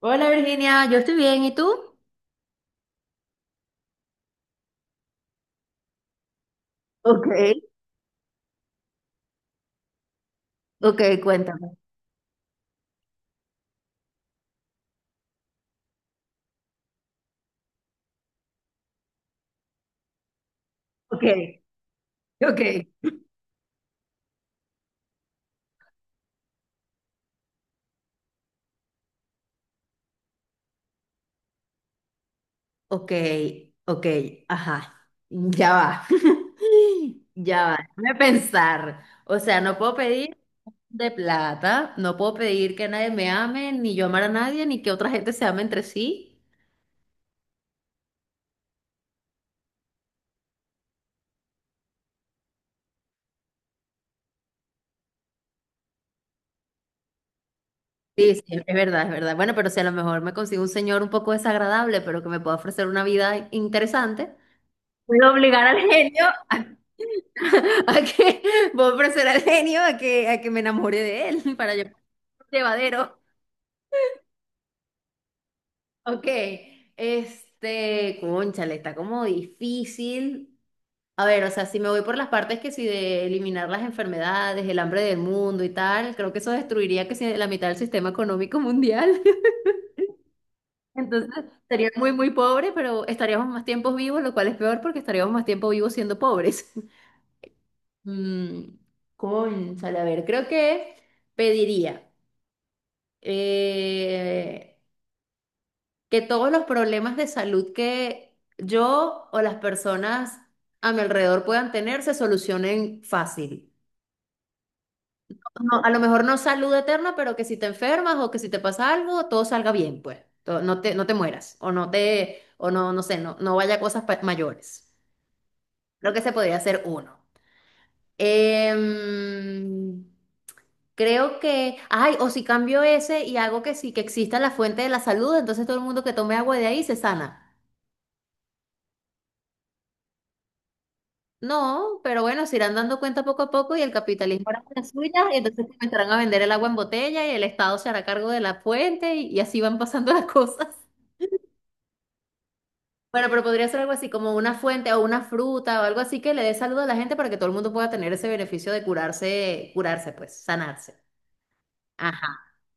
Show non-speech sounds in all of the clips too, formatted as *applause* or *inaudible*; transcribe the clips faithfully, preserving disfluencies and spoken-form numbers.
Hola Virginia, yo estoy bien, ¿y tú? Ok. Ok, cuéntame. Ok, ok. Ok, ok, ajá, ya va, *laughs* ya va, déjame pensar. O sea, no puedo pedir de plata, no puedo pedir que nadie me ame, ni yo amar a nadie, ni que otra gente se ame entre sí. Sí, sí, es verdad, es verdad. Bueno, pero si a lo mejor me consigo un señor un poco desagradable, pero que me pueda ofrecer una vida interesante, puedo obligar al genio. *laughs* A que voy a ofrecer al genio a que, a que me enamore de él *laughs* para yo llevadero. Ok, este, cónchale, está como difícil. A ver, o sea, si me voy por las partes que si de eliminar las enfermedades, el hambre del mundo y tal, creo que eso destruiría que si la mitad del sistema económico mundial. *laughs* Entonces, sería muy, muy pobre, pero estaríamos más tiempos vivos, lo cual es peor porque estaríamos más tiempo vivos siendo pobres. *laughs* Mm, cónchale, a ver, creo que pediría. eh, que todos los problemas de salud que yo o las personas a mi alrededor puedan tener se solucionen fácil. No, a lo mejor no salud eterna, pero que si te enfermas o que si te pasa algo, todo salga bien, pues. To- No te, no te mueras o no te, o no, no sé, no, no vaya a cosas pa- mayores. Creo que se podría hacer uno. Em, Creo que, ay, o si cambio ese y hago que sí, que exista la fuente de la salud, entonces todo el mundo que tome agua de ahí se sana. No, pero bueno, se irán dando cuenta poco a poco y el capitalismo hará las suyas, y entonces comenzarán a vender el agua en botella y el Estado se hará cargo de la fuente y, y así van pasando *laughs* las cosas. Bueno, pero podría ser algo así como una fuente o una fruta o algo así que le dé salud a la gente para que todo el mundo pueda tener ese beneficio de curarse, curarse pues, sanarse. Ajá.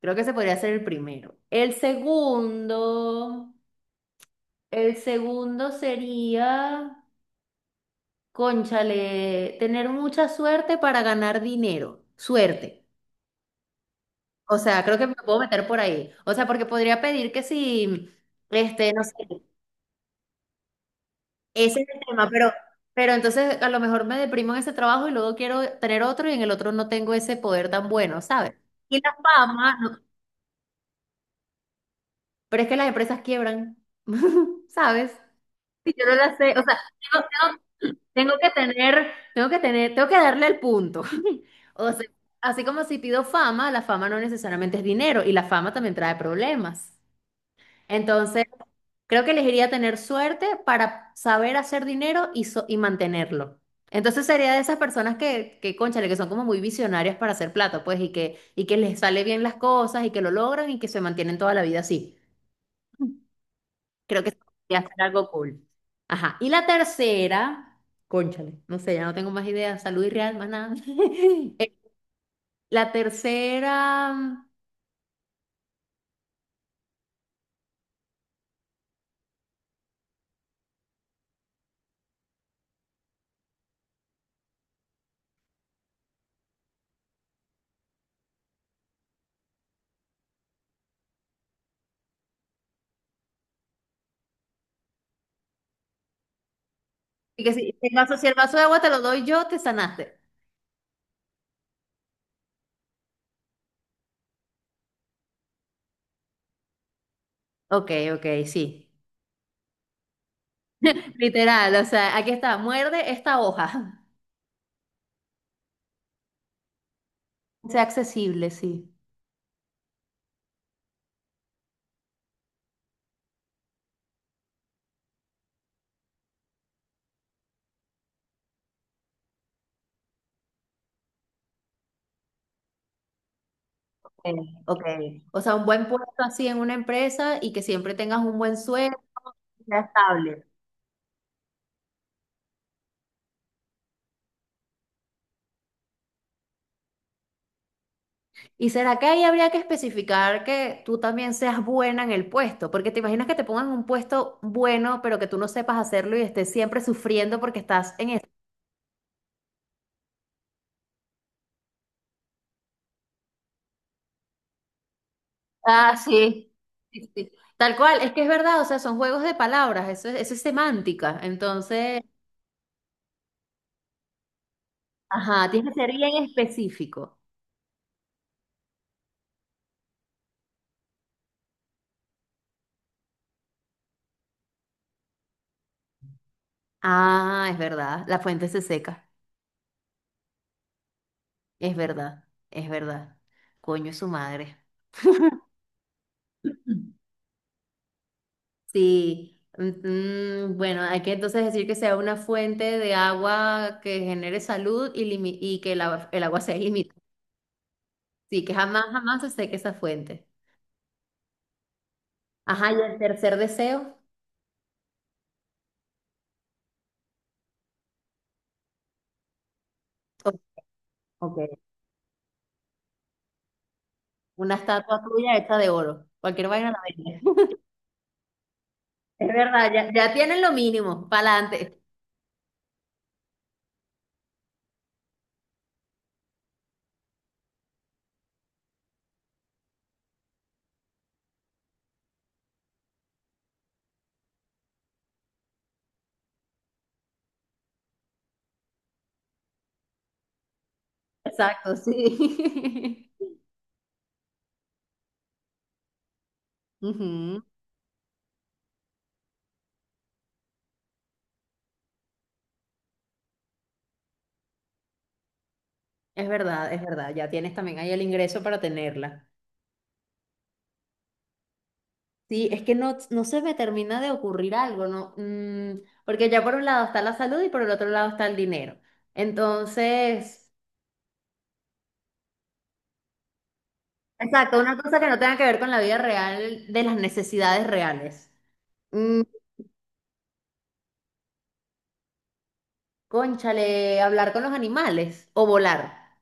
Creo que ese podría ser el primero. El segundo, el segundo sería, cónchale, tener mucha suerte para ganar dinero. Suerte. O sea, creo que me puedo meter por ahí. O sea, porque podría pedir que si, este, no sé, ese es el tema, pero, pero entonces a lo mejor me deprimo en ese trabajo y luego quiero tener otro y en el otro no tengo ese poder tan bueno, ¿sabes? Y la fama, no, pero es que las empresas quiebran, *laughs* ¿sabes? Si yo no la sé, o sea, tengo, tengo- tengo que tener, tengo que tener, tengo que darle el punto. *laughs* O sea, así como si pido fama, la fama no necesariamente es dinero y la fama también trae problemas. Entonces, creo que elegiría tener suerte para saber hacer dinero y, so- y mantenerlo. Entonces sería de esas personas que, que, cónchale, que son como muy visionarias para hacer plata, pues, y que, y que les sale bien las cosas y que lo logran y que se mantienen toda la vida así. Creo que sería hacer algo cool. Ajá. Y la tercera, cónchale, no sé, ya no tengo más ideas, salud y real, más nada. *laughs* Eh, La tercera, mm, y que si, si el vaso si el vaso de agua te lo doy yo, te sanaste. Ok, ok, sí. *laughs* Literal, o sea, aquí está, muerde esta hoja. *laughs* Sea accesible, sí. Eh, ok. O sea, un buen puesto así en una empresa y que siempre tengas un buen sueldo, que sea estable. ¿Y será que ahí habría que especificar que tú también seas buena en el puesto? Porque te imaginas que te pongan un puesto bueno, pero que tú no sepas hacerlo y estés siempre sufriendo porque estás en eso. Ah, sí. Sí, sí. Tal cual, es que es verdad, o sea, son juegos de palabras, eso es, eso es semántica. Entonces, ajá, tienes que ser bien específico. Ah, es verdad. La fuente se seca. Es verdad. Es verdad. Coño, es su madre. *laughs* Sí. Mm, mm, bueno, hay que entonces decir que sea una fuente de agua que genere salud y, limi- y que el agua, el agua sea ilimitada. Sí, que jamás, jamás se seque esa fuente. Ajá, y el tercer deseo. o- ok. Una estatua tuya hecha de oro. Cualquier vaina la vende. *laughs* Es verdad, ya, ya tienen lo mínimo. Para adelante. Exacto, sí. *laughs* Ujú. Es verdad, es verdad, ya tienes también ahí el ingreso para tenerla. Sí, es que no, no se me termina de ocurrir algo, ¿no? Mm, porque ya por un lado está la salud y por el otro lado está el dinero. Entonces, exacto, una cosa que no tenga que ver con la vida real, de las necesidades reales. Mm, Cónchale, hablar con los animales o volar.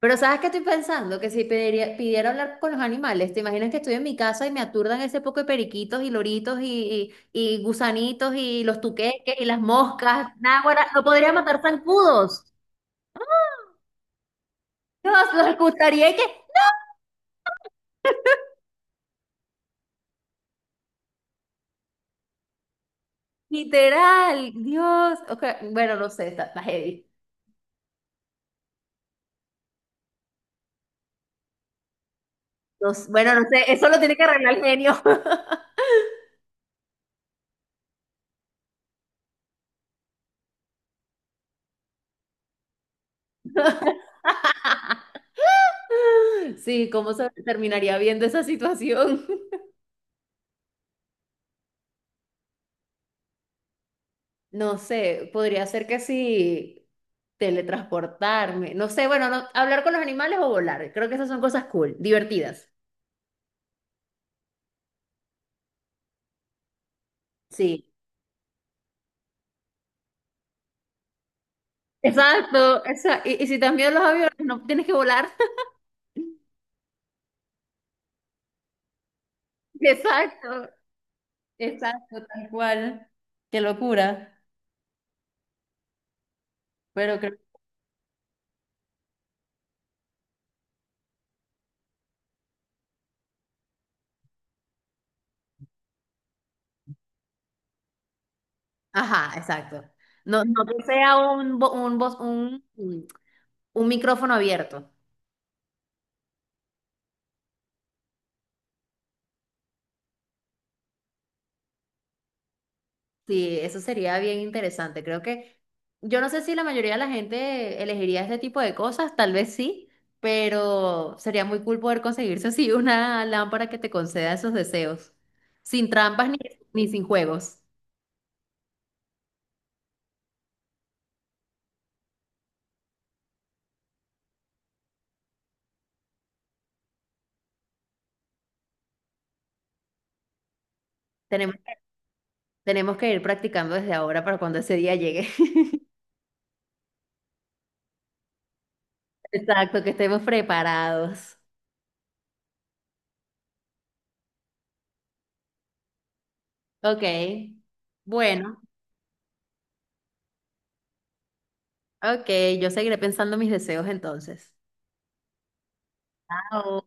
Pero ¿sabes qué estoy pensando? Que si pediría- pidiera hablar con los animales, ¿te imaginas que estoy en mi casa y me aturdan ese poco de periquitos y loritos y, y, y gusanitos y los tuqueques y las moscas? Náguara, no podría matar zancudos. Dios, los escucharía que, literal, Dios. Ok, bueno, no sé, está, está heavy. No s- bueno, no sé, eso lo tiene que arreglar el genio. *laughs* Sí, ¿cómo se terminaría viendo esa situación? No sé, podría ser que sí teletransportarme. No sé, bueno, no, hablar con los animales o volar. Creo que esas son cosas cool, divertidas. Sí. Exacto, exacto. Y, y si también los aviones, no tienes que volar. *laughs* Exacto, exacto, tal cual. Qué locura. Pero creo. Ajá, exacto. No, no que sea un, bo- un, bos- un, un micrófono abierto. Sí, eso sería bien interesante. Creo que yo no sé si la mayoría de la gente elegiría este tipo de cosas, tal vez sí, pero sería muy cool poder conseguirse así *laughs* una lámpara que te conceda esos deseos, sin trampas ni, ni sin juegos. Tenemos, Tenemos que ir practicando desde ahora para cuando ese día llegue. *laughs* Exacto, que estemos preparados. Ok, bueno, ok, yo seguiré pensando mis deseos entonces. Chao.